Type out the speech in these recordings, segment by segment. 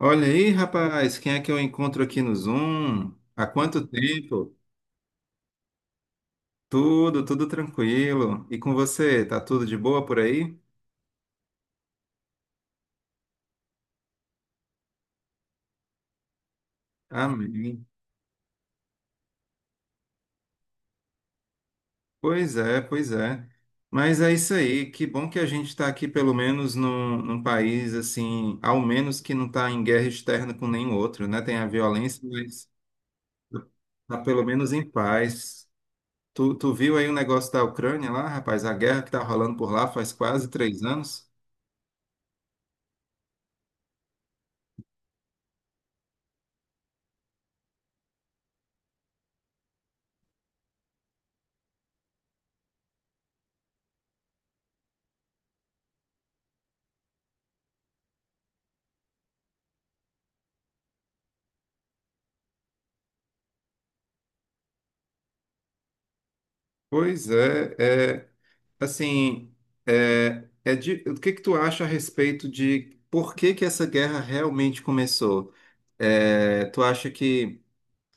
Olha aí, rapaz, quem é que eu encontro aqui no Zoom? Há quanto tempo? Tudo tranquilo. E com você, tá tudo de boa por aí? Amém. Pois é. Mas é isso aí, que bom que a gente está aqui pelo menos num país assim, ao menos que não está em guerra externa com nenhum outro, né? Tem a violência, mas tá pelo menos em paz. Tu viu aí o negócio da Ucrânia lá, rapaz? A guerra que tá rolando por lá faz quase 3 anos? Pois é, é. Assim, o que que tu acha a respeito de por que que essa guerra realmente começou? É, tu acha que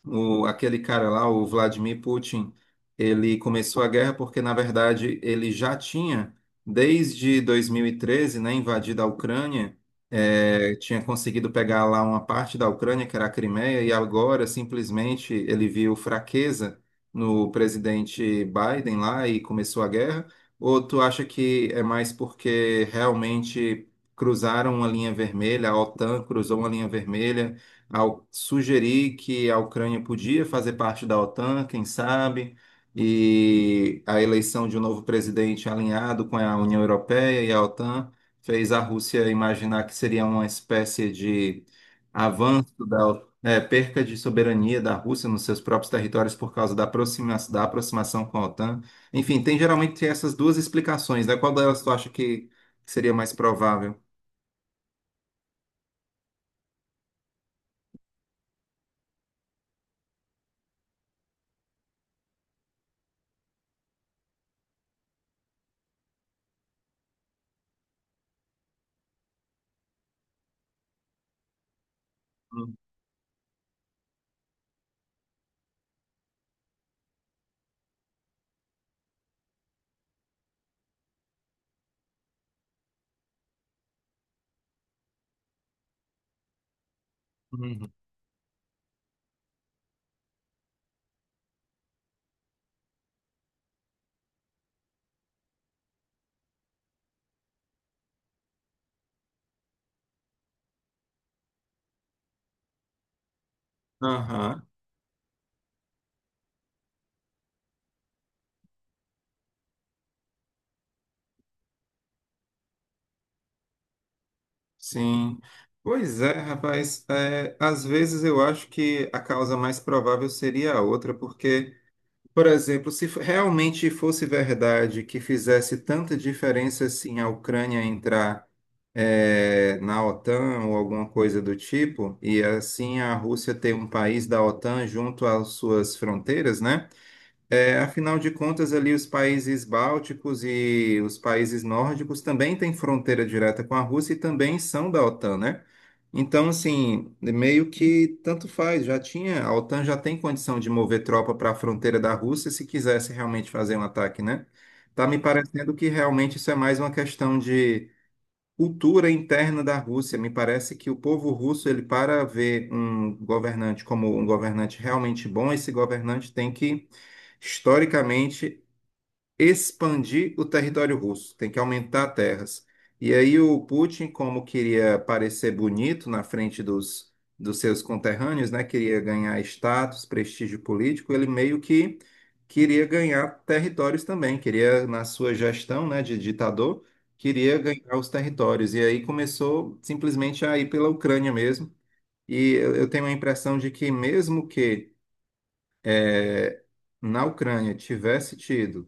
o, aquele cara lá, o Vladimir Putin, ele começou a guerra porque, na verdade, ele já tinha, desde 2013, né, invadido a Ucrânia, tinha conseguido pegar lá uma parte da Ucrânia, que era a Crimeia, e agora, simplesmente, ele viu fraqueza no presidente Biden lá e começou a guerra? Ou tu acha que é mais porque realmente cruzaram uma linha vermelha, a OTAN cruzou uma linha vermelha, ao sugerir que a Ucrânia podia fazer parte da OTAN, quem sabe, e a eleição de um novo presidente alinhado com a União Europeia e a OTAN fez a Rússia imaginar que seria uma espécie de avanço da perca de soberania da Rússia nos seus próprios territórios por causa da da aproximação com a OTAN. Enfim, tem geralmente essas duas explicações, né? Qual delas tu acha que seria mais provável? Uhum. Aham. Sim. Pois é, rapaz. É, às vezes eu acho que a causa mais provável seria a outra, porque, por exemplo, se f- realmente fosse verdade que fizesse tanta diferença assim a Ucrânia entrar, é, na OTAN ou alguma coisa do tipo, e assim a Rússia ter um país da OTAN junto às suas fronteiras, né? É, afinal de contas, ali os países bálticos e os países nórdicos também têm fronteira direta com a Rússia e também são da OTAN, né? Então, assim, meio que tanto faz, já tinha, a OTAN já tem condição de mover tropa para a fronteira da Rússia se quisesse realmente fazer um ataque, né? Tá me parecendo que realmente isso é mais uma questão de cultura interna da Rússia. Me parece que o povo russo, ele para ver um governante como um governante realmente bom, esse governante tem que, historicamente, expandir o território russo, tem que aumentar terras. E aí o Putin, como queria parecer bonito na frente dos, dos seus conterrâneos, né, queria ganhar status, prestígio político, ele meio que queria ganhar territórios também, queria, na sua gestão, né, de ditador, queria ganhar os territórios. E aí começou simplesmente a ir pela Ucrânia mesmo. E eu tenho a impressão de que mesmo que eh, na Ucrânia tivesse tido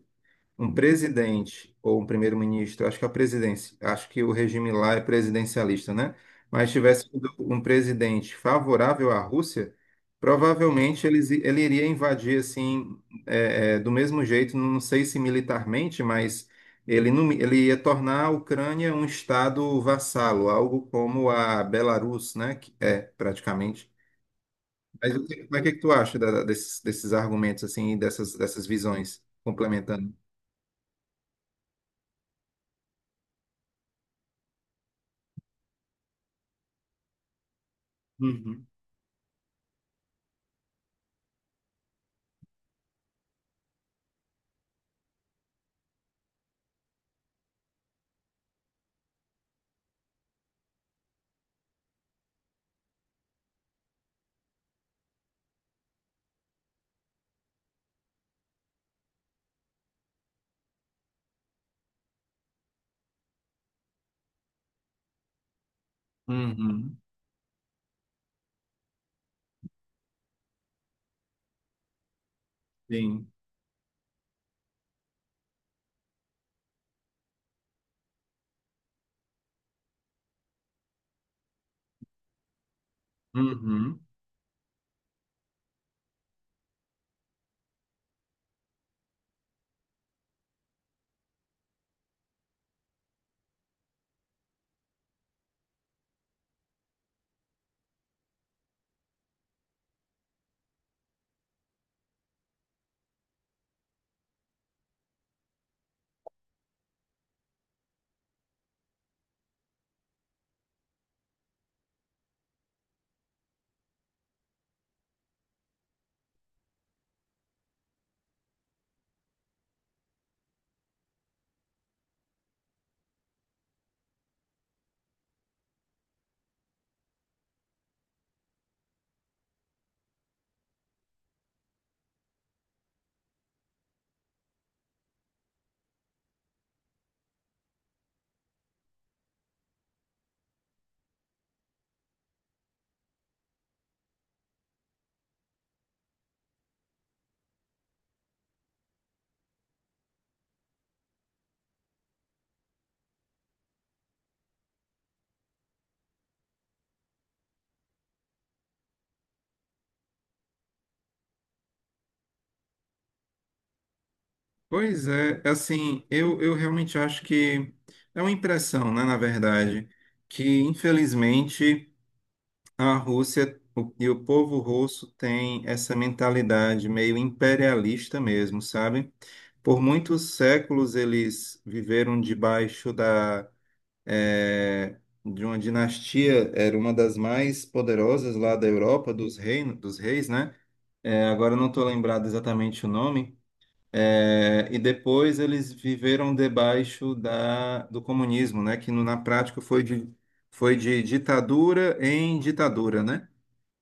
um presidente ou um primeiro-ministro, acho que a presidência, acho que o regime lá é presidencialista, né? Mas tivesse sido um presidente favorável à Rússia, provavelmente ele iria invadir assim, é, é, do mesmo jeito, não sei se militarmente, mas ele, não, ele ia tornar a Ucrânia um estado vassalo, algo como a Belarus, né? Que é praticamente. Mas que tu acha desses, desses argumentos assim, dessas, dessas visões complementando? Uhum, sim. Uhum. Pois é, assim, eu realmente acho que é uma impressão, né, na verdade, que infelizmente a Rússia e o povo russo tem essa mentalidade meio imperialista mesmo, sabe? Por muitos séculos eles viveram debaixo da, eh, de uma dinastia, era uma das mais poderosas lá da Europa, dos reinos, dos reis, né? Agora eu não estou lembrado exatamente o nome. É, e depois eles viveram debaixo da, do comunismo, né? Que na prática foi de ditadura em ditadura, né?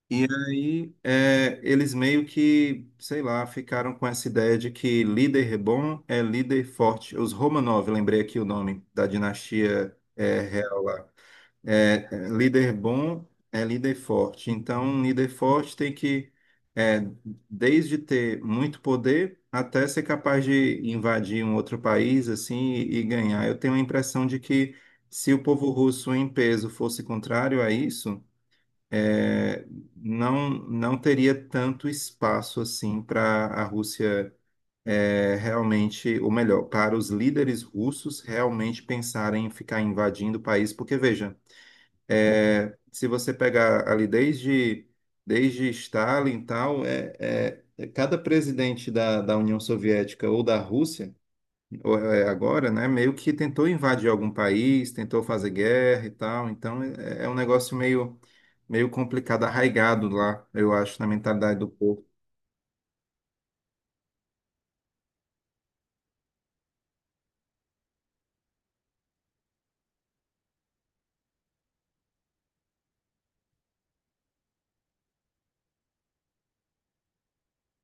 E aí é, eles meio que, sei lá, ficaram com essa ideia de que líder bom é líder forte. Os Romanov, lembrei aqui o nome da dinastia é, real lá. Líder bom é líder forte. Então, um líder forte tem que, é, desde ter muito poder até ser capaz de invadir um outro país assim e ganhar. Eu tenho a impressão de que se o povo russo em peso fosse contrário a isso, é, não teria tanto espaço assim para a Rússia é, realmente, ou melhor, para os líderes russos realmente pensarem em ficar invadindo o país, porque veja é, se você pegar ali desde, desde Stalin e tal, é cada presidente da, da União Soviética ou da Rússia, ou é agora, né, meio que tentou invadir algum país, tentou fazer guerra e tal. Então é, é um negócio meio, meio complicado, arraigado lá, eu acho, na mentalidade do povo.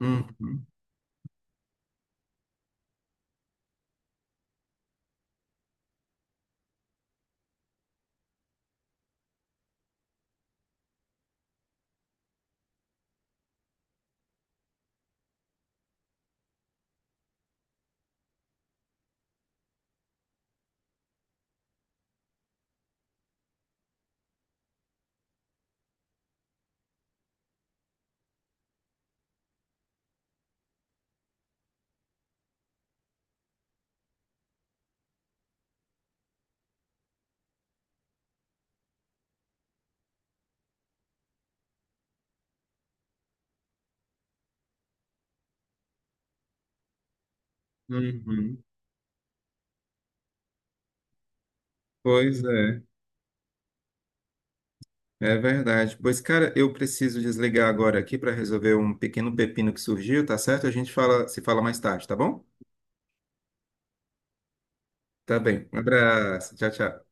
Uhum, uhum. Pois é, é verdade. Pois, cara, eu preciso desligar agora aqui para resolver um pequeno pepino que surgiu, tá certo? A gente fala, se fala mais tarde, tá bom? Tá bem. Um abraço. Tchau, tchau.